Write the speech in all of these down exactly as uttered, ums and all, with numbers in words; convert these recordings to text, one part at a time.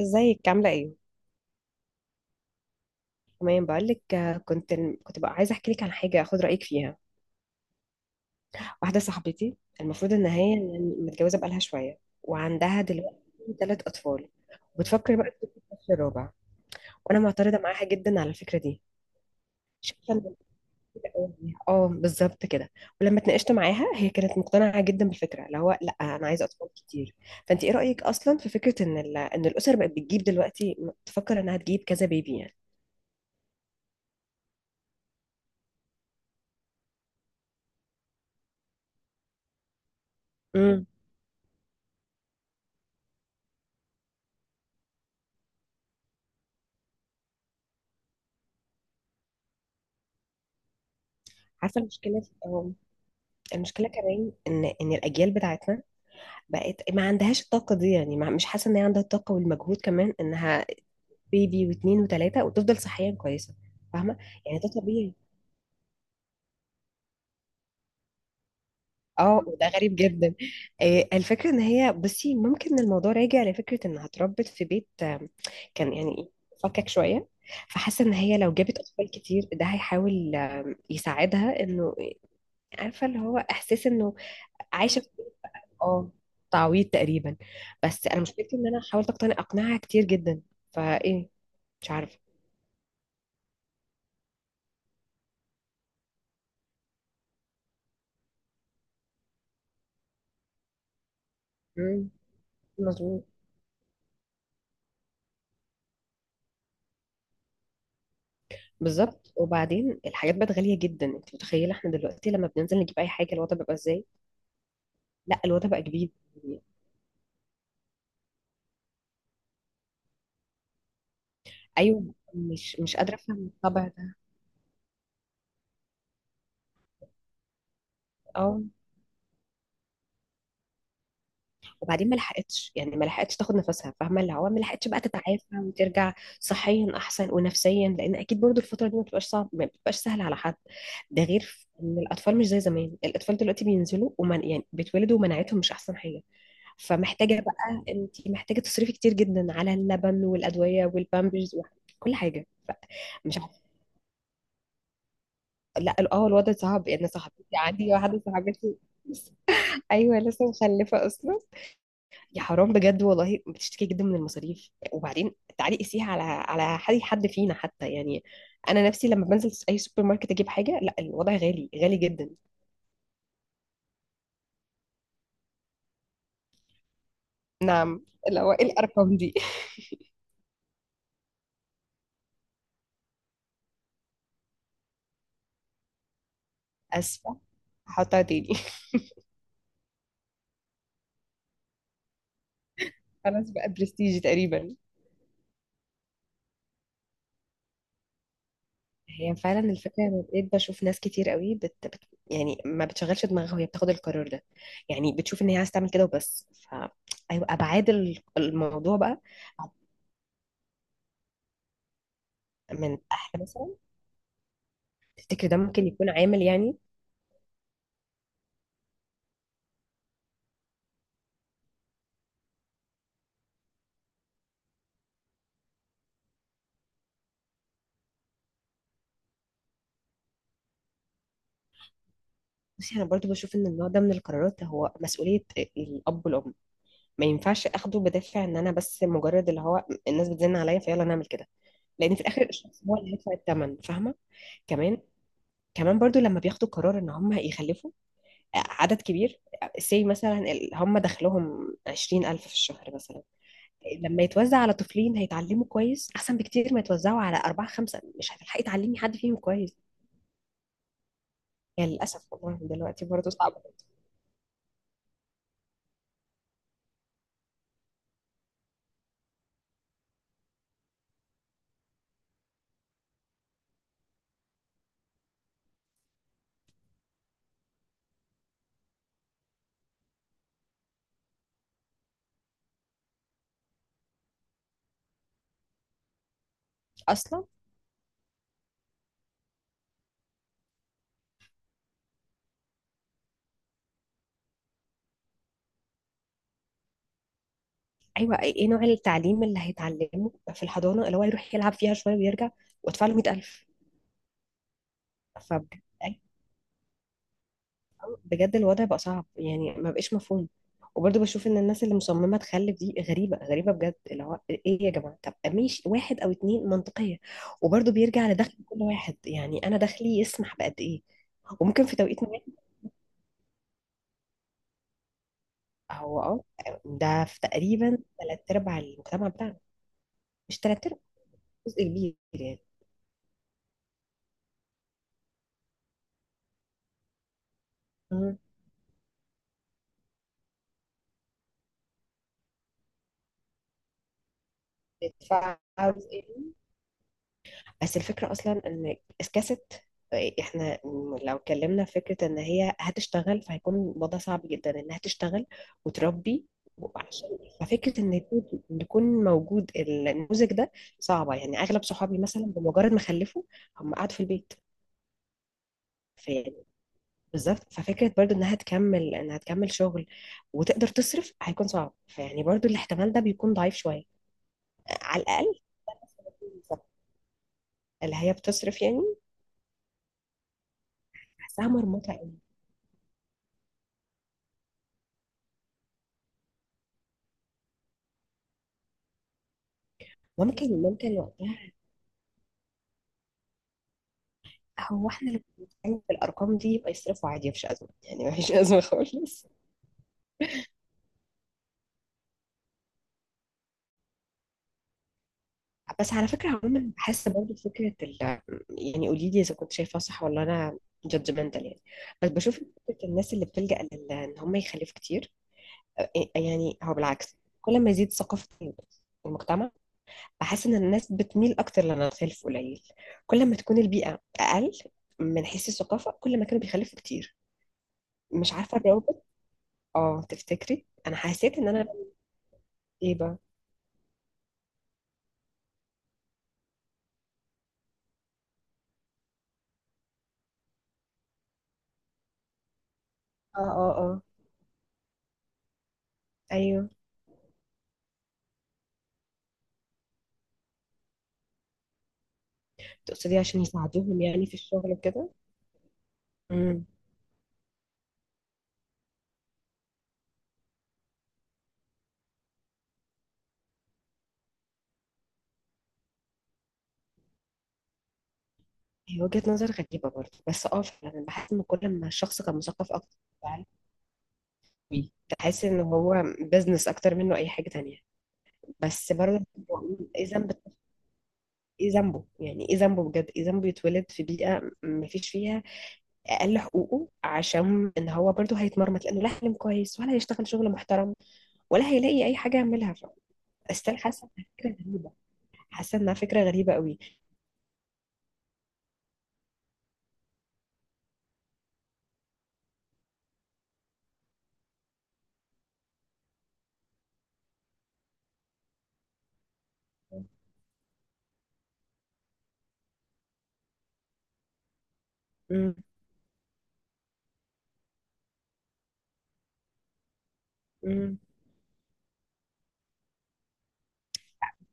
ازيك؟ عاملة ايه؟ تمام. بقولك، آه، كنت كنت بقى عايزة احكي لك عن حاجة، اخد رأيك فيها. واحدة صاحبتي، المفروض ان هي متجوزة بقالها شوية، وعندها دلوقتي ثلاث اطفال، وبتفكر بقى تجيب الطفل الرابع، وانا معترضة معاها جدا على الفكرة دي. شايفة ان كده أوي عليها. اه، بالظبط كده. ولما اتناقشت معاها، هي كانت مقتنعة جدا بالفكرة، اللي هو لا انا عايزة اطفال كتير. فانت ايه رأيك اصلا في فكرة ان ال- ان الاسر بقت بتجيب دلوقتي، تفكر انها تجيب كذا بيبي يعني؟ امم، عارفة المشكلة في- اه المشكله كمان ان ان الاجيال بتاعتنا بقت ما عندهاش الطاقه دي. يعني ما، مش حاسه ان هي عندها الطاقه والمجهود، كمان انها بيبي واثنين وثلاثه، وتفضل صحيا كويسه. فاهمه؟ يعني ده طبيعي. اه، وده غريب جدا. آه، الفكره ان هي، بصي ممكن الموضوع راجع لفكره انها اتربت في بيت، آم، كان يعني ايه، فكك شويه. فحاسه ان هي لو جابت اطفال كتير، ده هيحاول آم، يساعدها انه، عارفه، اللي هو احساس انه عايشه. اه، تعويض تقريبا. بس انا مشكلتي ان انا حاولت اقتنع اقنعها كتير جدا، فايه. مش عارفه. مم، مظبوط. بالظبط، وبعدين الحاجات بقت غاليه جدا. انت متخيله احنا دلوقتي لما بننزل نجيب اي حاجه الوضع بيبقى ازاي؟ لا، الوضع بقى جديد. ايوه، مش مش قادره افهم الطبع ده. اه، وبعدين ما لحقتش، يعني ما لحقتش تاخد نفسها، فاهمه اللي هو ما لحقتش بقى تتعافى وترجع صحيا احسن ونفسيا. لان اكيد برضو الفتره دي ما بتبقاش صعب، ما بتبقاش سهله على حد. ده غير ان الاطفال مش زي زمان، الاطفال دلوقتي بينزلوا ومن يعني بيتولدوا ومناعتهم مش احسن حاجه. فمحتاجه بقى، انت محتاجه تصرفي كتير جدا على اللبن والادويه والبامبرز وكل حاجه ف-. مش عارفه. لا، اه الوضع صعب يعني. صاحبتي، عندي واحده صاحبتي. ايوه لسه مخلفه اصلا. يا حرام، بجد والله بتشتكي جدا من المصاريف. وبعدين تعالي قسيها على على حد، حد فينا حتى يعني. انا نفسي لما بنزل اي سوبر ماركت اجيب حاجه، لا الوضع غالي غالي جدا. اللي هو ايه الارقام دي! اسفه، هحطها تاني. خلاص بقى برستيج تقريبا. هي فعلا الفكره، انا بقيت بشوف ناس كتير قوي بت... بت... يعني ما بتشغلش دماغها وهي بتاخد القرار ده. يعني بتشوف ان هي عايزه تعمل كده وبس، ف ايوه ابعاد ال- الموضوع بقى. من اهل مثلا، تفتكر ده ممكن يكون عامل يعني؟ بصي انا برضو بشوف ان النوع ده من القرارات هو مسؤوليه الاب والام. ما ينفعش اخده بدافع ان انا بس مجرد اللي هو الناس بتزن عليا فيلا نعمل كده. لان في الاخر الشخص هو اللي هيدفع الثمن، فاهمه. كمان كمان برضو لما بياخدوا قرار ان هم يخلفوا عدد كبير. سي مثلا ال- هم دخلهم عشرين ألف في الشهر مثلا، لما يتوزع على طفلين هيتعلموا كويس احسن بكتير ما يتوزعوا على اربعه خمسه. مش هتلحقي تعلمي حد فيهم كويس. يعني للاسف والله دلوقتي برضه صعب اصلا. ايوه، ايه نوع التعليم اللي هيتعلمه في الحضانه، اللي هو يروح يلعب فيها شويه ويرجع وادفع له مية ألف؟ فبجد الوضع بقى صعب يعني، ما بقاش مفهوم. وبرضه بشوف ان الناس اللي مصممه تخلف دي غريبه غريبه بجد. اللي هو ايه يا جماعه، طب ماشي واحد او اتنين منطقيه. وبرضه بيرجع لدخل كل واحد يعني. انا دخلي يسمح بقد ايه، وممكن في توقيت معين. هو اه، ده في تقريبا ثلاث ارباع المجتمع بتاعنا. مش ثلاث ارباع، جزء كبير يعني. مم. بيدفع جزء. بس الفكرة أصلا إن اسكاست، إحنا لو اتكلمنا في فكرة إن هي هتشتغل، فهيكون الوضع صعب جدا إنها تشتغل وتربي. وعشان ففكرة إن يكون إن يكون موجود النموذج ده صعبة. يعني أغلب صحابي مثلا بمجرد ما خلفوا هم قعدوا في البيت. في، بالظبط ففكرة برضو إنها تكمل إنها تكمل شغل وتقدر تصرف هيكون صعب. فيعني برضو الاحتمال ده بيكون ضعيف شوية على الأقل. بالظبط. اللي هي بتصرف يعني، بحسها مرمطة قوي. ممكن ممكن وقتها هو احنا اللي بنتكلم في الارقام دي يبقى يصرفوا عادي، مفيش ازمه يعني، مفيش ازمه خالص. بس على فكره عموما بحس برضه فكره ال... يعني قولي لي اذا كنت شايفاها صح ولا انا جادجمنتال يعني. بس بشوف فكره الناس اللي بتلجأ لل... ان هم يخلفوا كتير أ- يعني. هو بالعكس، كل ما يزيد ثقافه المجتمع، بحس ان الناس بتميل اكتر لانها تخلف قليل. كل ما تكون البيئه اقل من حيث الثقافه، كل ما كانوا بيخلفوا كتير. مش عارفه الروابط. اه، تفتكري انا حسيت ان انا، ايه؟ اه اه اه ايوه، تقصدي عشان يساعدوهم يعني في الشغل وكده. امم. هي وجهة نظر غريبة برضه، بس اه فعلا بحس ان كل ما الشخص كان مثقف اكتر فعلا. بيه. بحس ان هو بزنس اكتر منه اي حاجة تانية. بس برضه بقول ايه ذنب، ايه ذنبه يعني، ايه ذنبه بجد، ايه ذنبه يتولد في بيئة ما فيش فيها اقل حقوقه؟ عشان ان هو برضه هيتمرمط، لانه لا حلم كويس ولا هيشتغل شغل محترم ولا هيلاقي اي حاجة يعملها ف. استيل حاسة انها فكرة غريبة، حاسة انها فكرة غريبة قوي. مم. مم.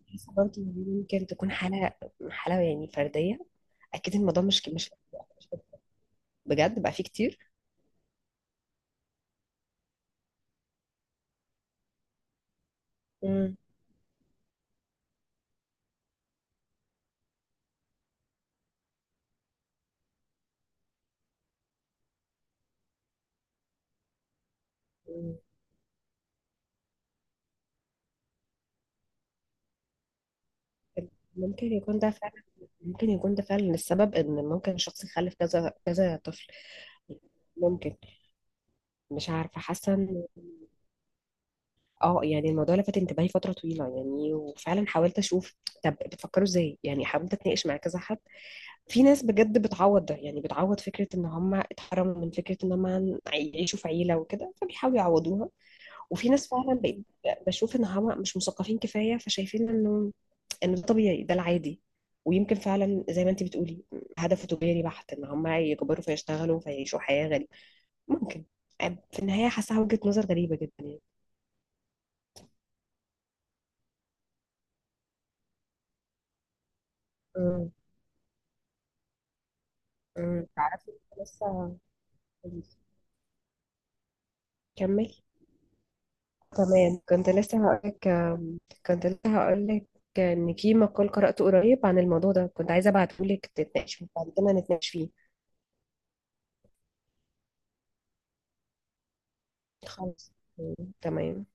بحس برضه إن دي ممكن تكون حالة، حالة يعني فردية. أكيد الموضوع مش مش مش بجد بقى فيه كتير. مم. مم. ممكن يكون ده فعلا، ممكن يكون ده فعلا السبب إن ممكن شخص يخلف كذا كذا طفل. ممكن. مش عارفة، حاسة إن، اه يعني الموضوع لفت انتباهي فترة طويلة يعني، وفعلا حاولت أشوف طب بتفكروا إزاي. يعني حاولت أتناقش مع كذا حد. في ناس بجد بتعوض ده، يعني بتعوض فكرة ان هم اتحرموا من فكرة ان هم يعيشوا في عيلة وكده، فبيحاولوا يعوضوها. وفي ناس فعلا بقيت بشوف ان هم مش مثقفين كفاية، فشايفين انه، انه ده طبيعي، ده العادي. ويمكن فعلا زي ما انت بتقولي، هدفه تجاري بحت، ان هم يكبروا فيشتغلوا فيعيشوا حياة غريبة. ممكن. في النهاية حاسة وجهة نظر غريبة جدا يعني. امم امم تعرفي، لسه، كملي. تمام، كنت لسه هقولك كنت لسه هقول لك ان في مقال قرأته قريب عن الموضوع ده، كنت عايزة ابعته لك تتناقش فيه، بعد كده نتناقش فيه. خلاص. تمام.